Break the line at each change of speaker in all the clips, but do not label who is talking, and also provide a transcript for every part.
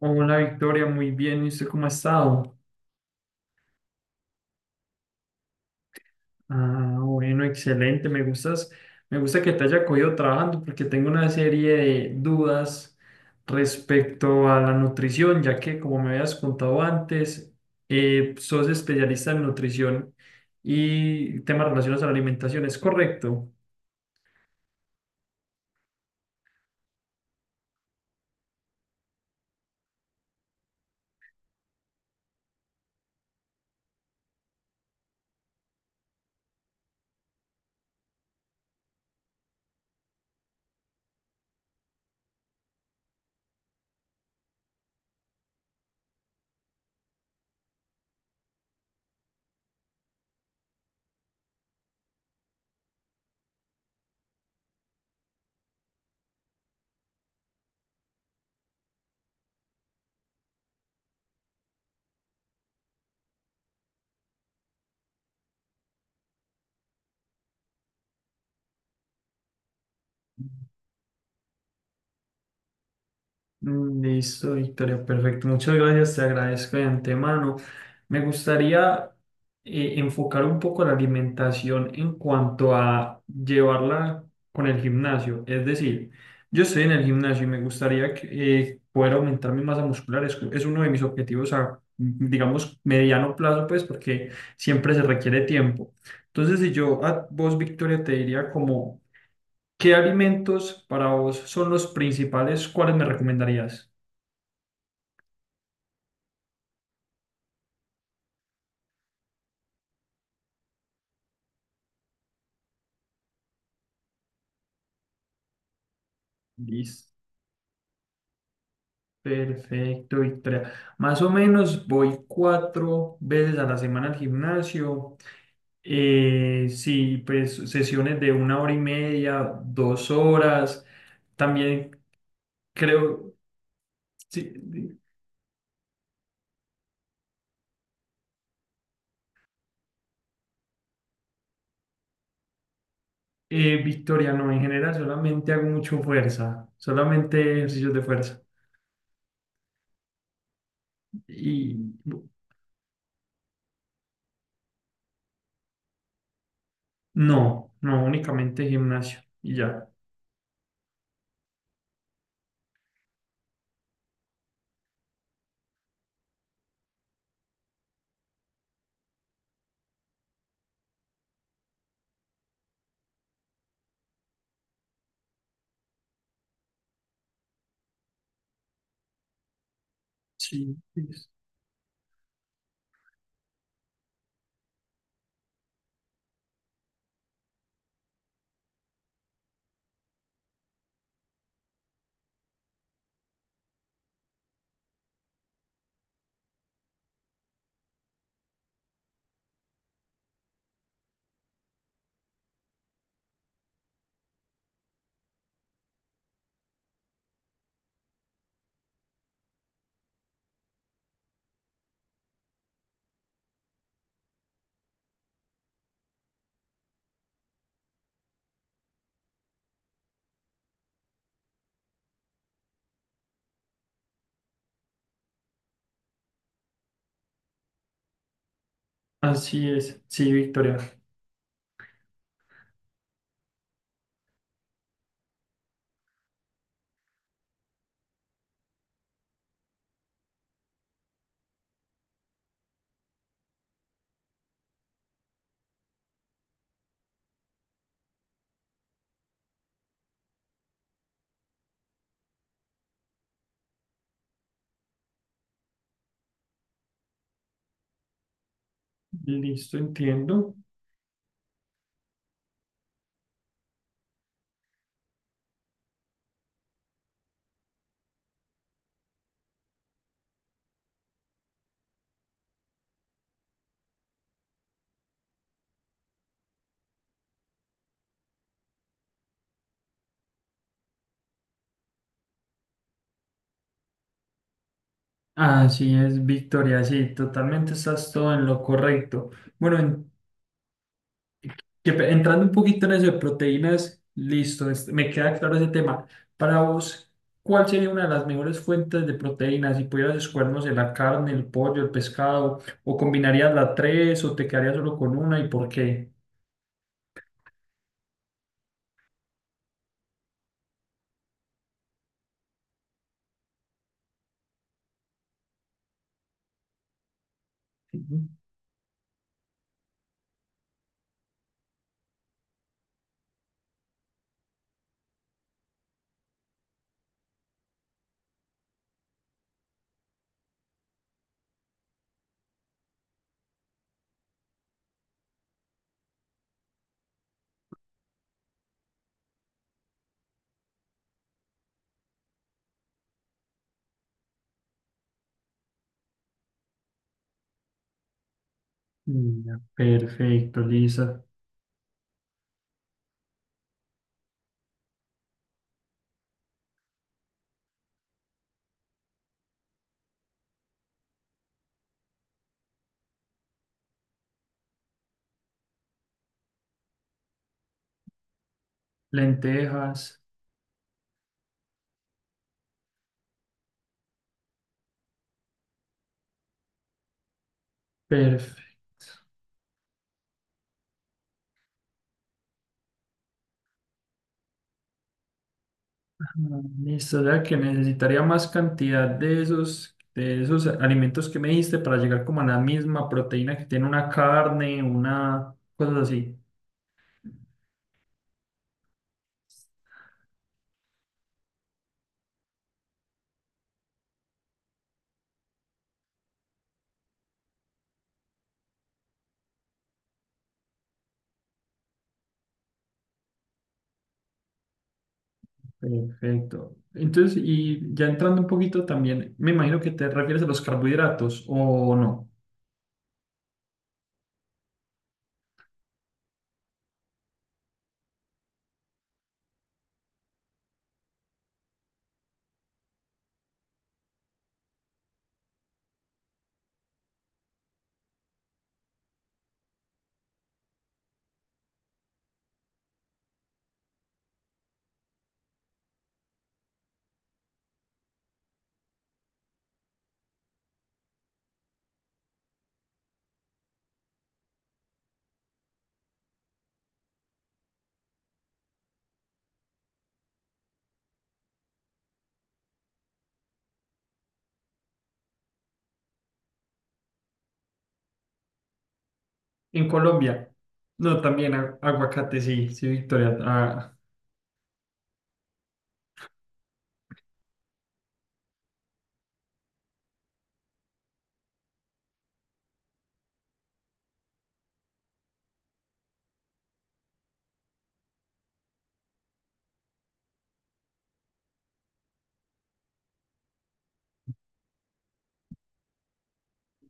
Hola Victoria, muy bien. ¿Y usted cómo ha estado? Ah, bueno, excelente. Me gustas, me gusta que te haya cogido trabajando porque tengo una serie de dudas respecto a la nutrición, ya que como me habías contado antes, sos especialista en nutrición y temas relacionados a la alimentación, ¿es correcto? Mm, listo, Victoria, perfecto. Muchas gracias, te agradezco de antemano. Me gustaría enfocar un poco la alimentación en cuanto a llevarla con el gimnasio. Es decir, yo estoy en el gimnasio y me gustaría que, poder aumentar mi masa muscular. Es uno de mis objetivos a, digamos, mediano plazo, pues, porque siempre se requiere tiempo. Entonces, si yo a vos, Victoria, te diría como, ¿qué alimentos para vos son los principales? ¿Cuáles me recomendarías? Listo, perfecto, Victoria. Más o menos voy cuatro veces a la semana al gimnasio. Sí, pues sesiones de una hora y media, dos horas. También creo, sí, Victoria, no, en general solamente hago mucho fuerza, solamente ejercicios de fuerza. Y no, no, únicamente gimnasio y ya. Sí, es- Así es. Sí, Victoria. Listo, entiendo. Así es, Victoria, sí, totalmente estás todo en lo correcto. Bueno, en- entrando un poquito en eso de proteínas, listo, me queda claro ese tema. Para vos, ¿cuál sería una de las mejores fuentes de proteínas? Si pudieras escogernos en la carne, el pollo, el pescado, o combinarías las tres, o te quedarías solo con una y ¿por qué? Ujú. Ya, perfecto, Lisa. Lentejas, perfecto. Ah, listo, o sea que necesitaría más cantidad de esos alimentos que me dijiste para llegar como a la misma proteína que tiene una carne, una cosa así. Perfecto. Entonces, y ya entrando un poquito también, me imagino que te refieres a los carbohidratos o no. En Colombia, no, también aguacate, sí, sí, Victoria. Ah,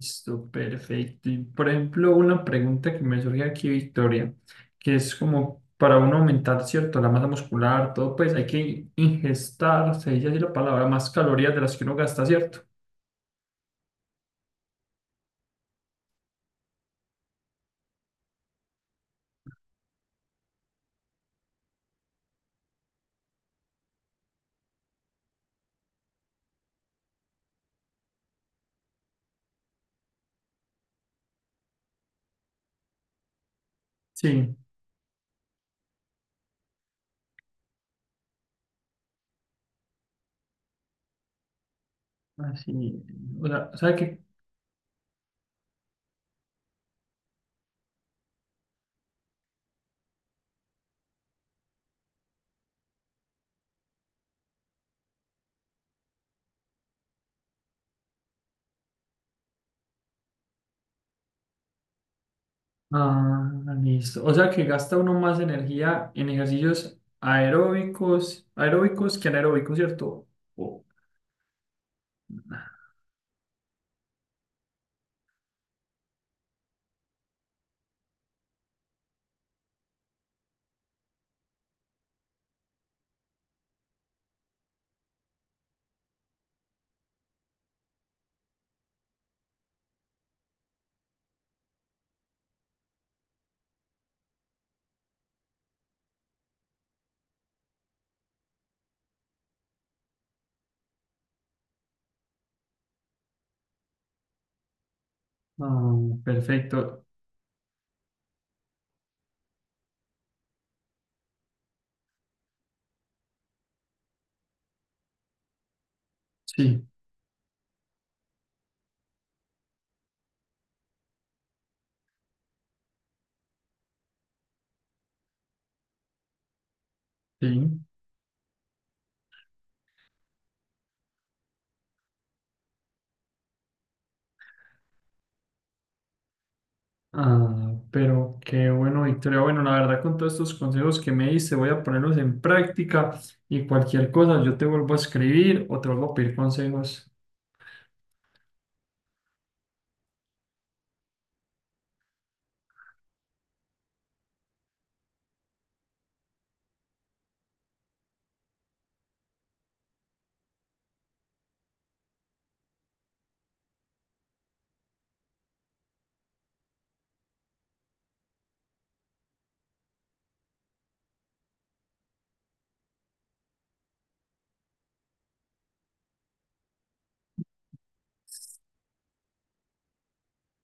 listo, perfecto. Y por ejemplo, una pregunta que me surge aquí, Victoria, que es como para uno aumentar, ¿cierto? La masa muscular, todo, pues hay que ingestar, se dice así la palabra, más calorías de las que uno gasta, ¿cierto? Sí, así. O sea que, ah, listo. O sea que gasta uno más energía en ejercicios aeróbicos, aeróbicos que anaeróbicos, ¿cierto? O ah, perfecto. Sí, sí. Ah, pero qué bueno, Victoria. Bueno, la verdad, con todos estos consejos que me diste, voy a ponerlos en práctica y cualquier cosa, yo te vuelvo a escribir o te vuelvo a pedir consejos.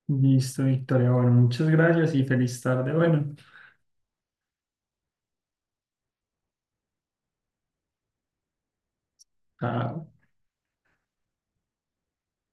Listo, Victoria. Bueno, muchas gracias y feliz tarde. Bueno, chao.